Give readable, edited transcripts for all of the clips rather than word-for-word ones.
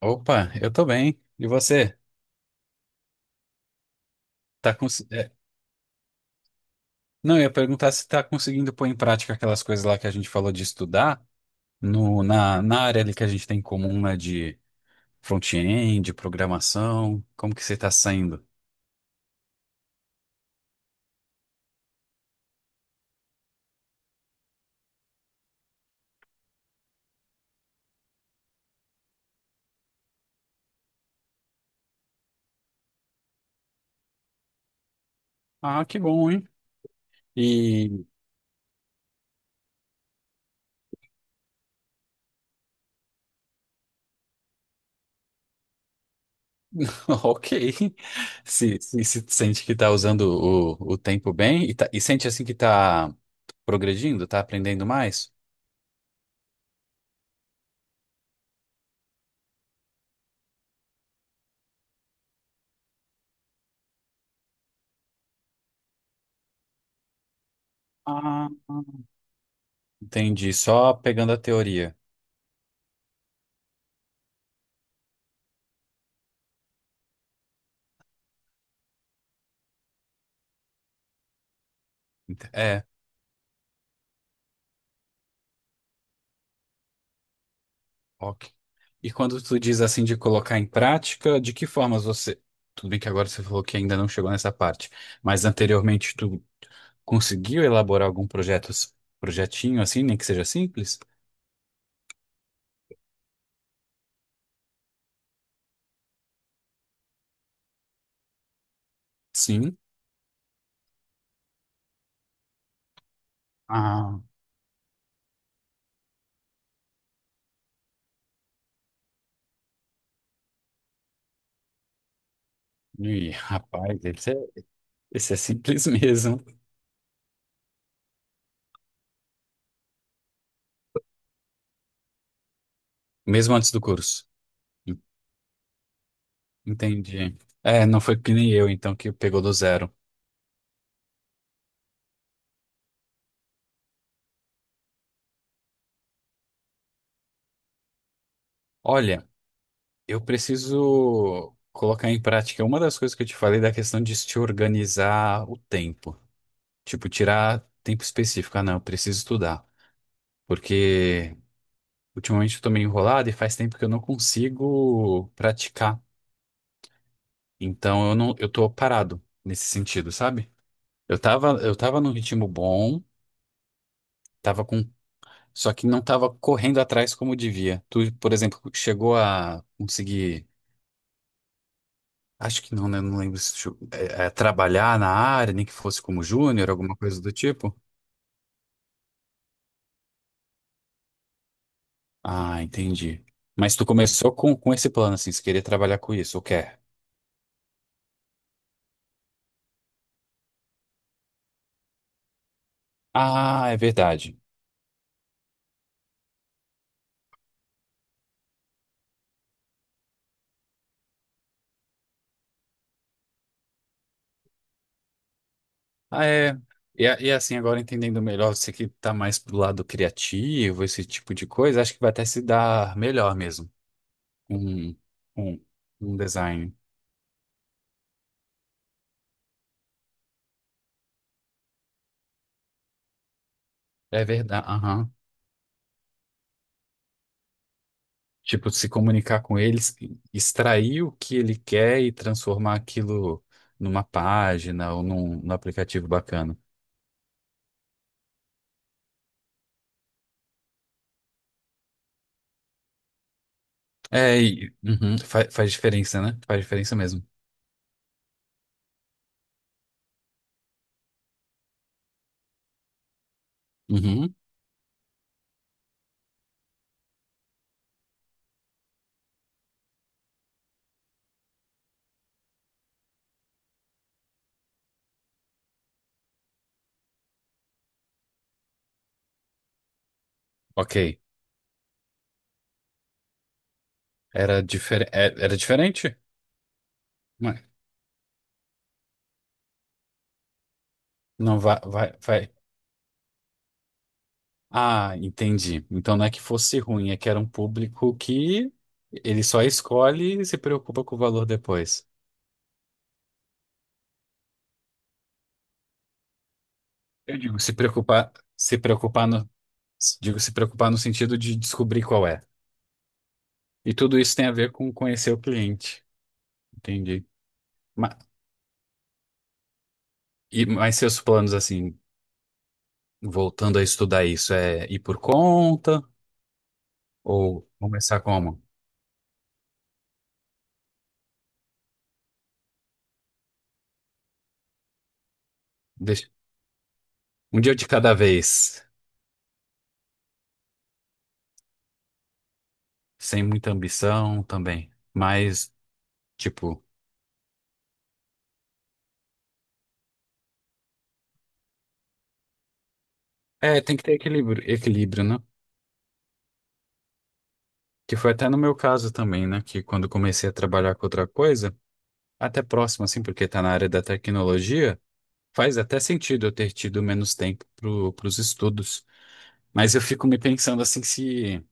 Opa, eu tô bem. E você? Tá cons... é, Não, eu ia perguntar se tá conseguindo pôr em prática aquelas coisas lá que a gente falou de estudar no, na, na área ali que a gente tem em comum, né, de front-end, de programação. Como que você tá saindo? Ah, que bom, hein? E ok. Se sente que tá usando o tempo bem e, e sente assim que tá progredindo, tá aprendendo mais? Ah, entendi. Só pegando a teoria. É. Ok. E quando tu diz assim de colocar em prática, de que formas você. Tudo bem que agora você falou que ainda não chegou nessa parte, mas anteriormente tu conseguiu elaborar algum projeto, projetinho assim, nem que seja simples? Sim. Ah, e, rapaz, esse é simples mesmo. Mesmo antes do curso. Entendi. É, não foi que nem eu, então, que pegou do zero. Olha, eu preciso colocar em prática uma das coisas que eu te falei da questão de se organizar o tempo. Tipo, tirar tempo específico. Ah, não, eu preciso estudar. Porque ultimamente eu tô meio enrolado e faz tempo que eu não consigo praticar. Então eu não, eu tô parado nesse sentido, sabe? Eu tava num ritmo bom, tava com, só que não tava correndo atrás como devia. Tu, por exemplo, chegou a conseguir, acho que não, né? Não lembro se tu- é, é, trabalhar na área, nem que fosse como júnior, alguma coisa do tipo. Ah, entendi. Mas tu começou com esse plano, assim, se querer trabalhar com isso, ou quer? Ah, é verdade. Ah, é. E, e assim, agora entendendo melhor, você que tá mais pro lado criativo, esse tipo de coisa, acho que vai até se dar melhor mesmo. Um, um, um design. É verdade. Aham. Tipo, se comunicar com eles, extrair o que ele quer e transformar aquilo numa página ou num, num aplicativo bacana. É, e, uhum, faz diferença, né? Faz diferença mesmo. Uhum. Ok. Era, era diferente? Mas- não, vai. Ah, entendi. Então não é que fosse ruim, é que era um público que ele só escolhe e se preocupa com o valor depois. Eu digo se preocupar, se preocupar no, digo se preocupar no sentido de descobrir qual é. E tudo isso tem a ver com conhecer o cliente. Entendi. Ma- Mas, seus planos assim, voltando a estudar isso, é ir por conta ou começar como? Deixa- um dia de cada vez, sem muita ambição também, mas tipo. É, tem que ter equilíbrio, equilíbrio, né? Que foi até no meu caso também, né? Que quando comecei a trabalhar com outra coisa, até próximo, assim, porque tá na área da tecnologia, faz até sentido eu ter tido menos tempo pro, pros estudos. Mas eu fico me pensando assim, se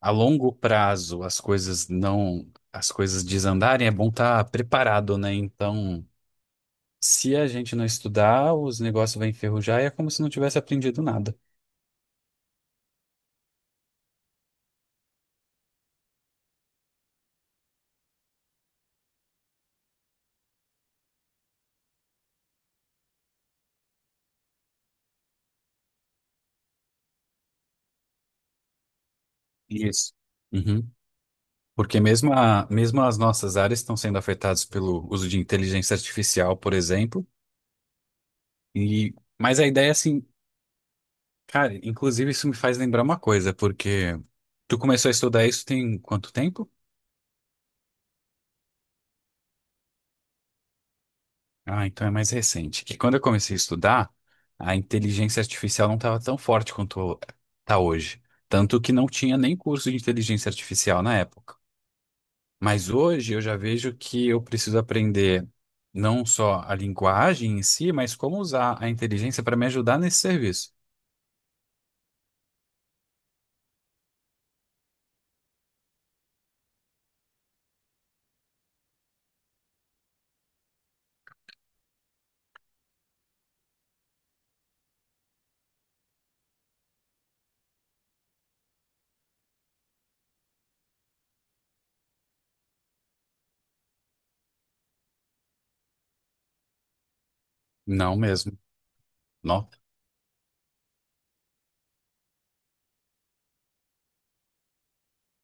a longo prazo as coisas não, as coisas desandarem, é bom estar preparado, né? Então, se a gente não estudar, os negócios vão enferrujar e é como se não tivesse aprendido nada. Isso. Uhum. Porque mesmo, mesmo as nossas áreas estão sendo afetadas pelo uso de inteligência artificial, por exemplo. E, mas a ideia é assim, cara, inclusive isso me faz lembrar uma coisa, porque tu começou a estudar isso tem quanto tempo? Ah, então é mais recente. Que quando eu comecei a estudar, a inteligência artificial não estava tão forte quanto está hoje. Tanto que não tinha nem curso de inteligência artificial na época. Mas hoje eu já vejo que eu preciso aprender não só a linguagem em si, mas como usar a inteligência para me ajudar nesse serviço. Não mesmo. Não.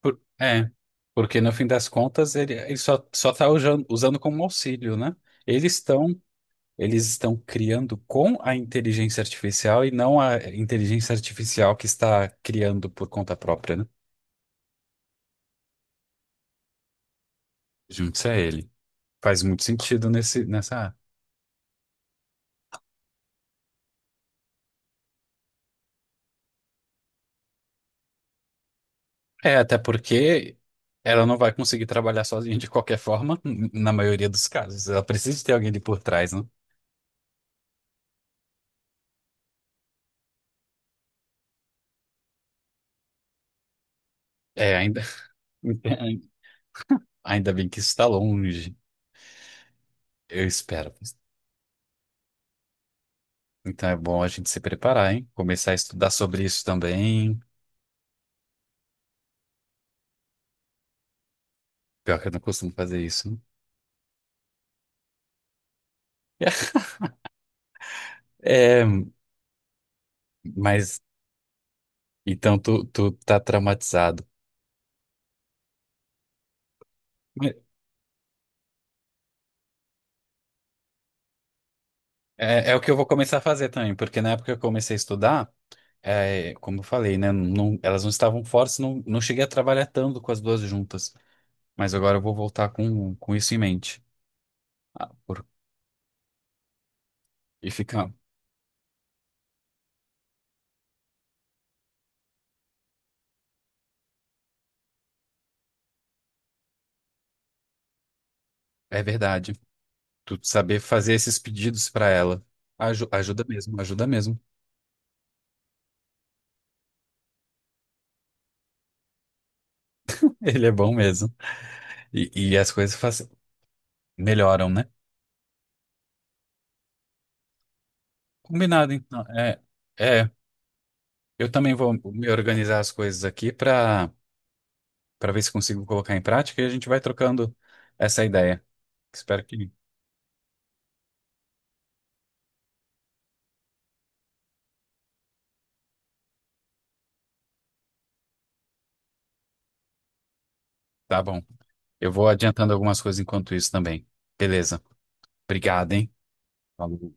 É, porque no fim das contas ele só está usando, usando como auxílio, né? Eles estão eles estão criando com a inteligência artificial e não a inteligência artificial que está criando por conta própria, né? Junte-se a ele. Faz muito sentido nesse, nessa área. É, até porque ela não vai conseguir trabalhar sozinha de qualquer forma, na maioria dos casos. Ela precisa de ter alguém ali por trás, né? É, ainda, ainda bem que isso está longe, eu espero. Então é bom a gente se preparar, hein? Começar a estudar sobre isso também. Pior que eu não costumo fazer isso. né? É, mas então tu tá traumatizado. É, é o que eu vou começar a fazer também, porque na época que eu comecei a estudar. É, como eu falei, né? Elas não estavam fortes, não, não cheguei a trabalhar tanto com as duas juntas. Mas agora eu vou voltar com isso em mente. Ah, por- e fica. É verdade. Tu saber fazer esses pedidos para ela. Ajuda mesmo, ajuda mesmo. Ele é bom mesmo. E as coisas melhoram, né? Combinado, então. É, eu também vou me organizar as coisas aqui pra para ver se consigo colocar em prática e a gente vai trocando essa ideia. Espero que. Tá bom. Eu vou adiantando algumas coisas enquanto isso também. Beleza. Obrigado, hein? Falou.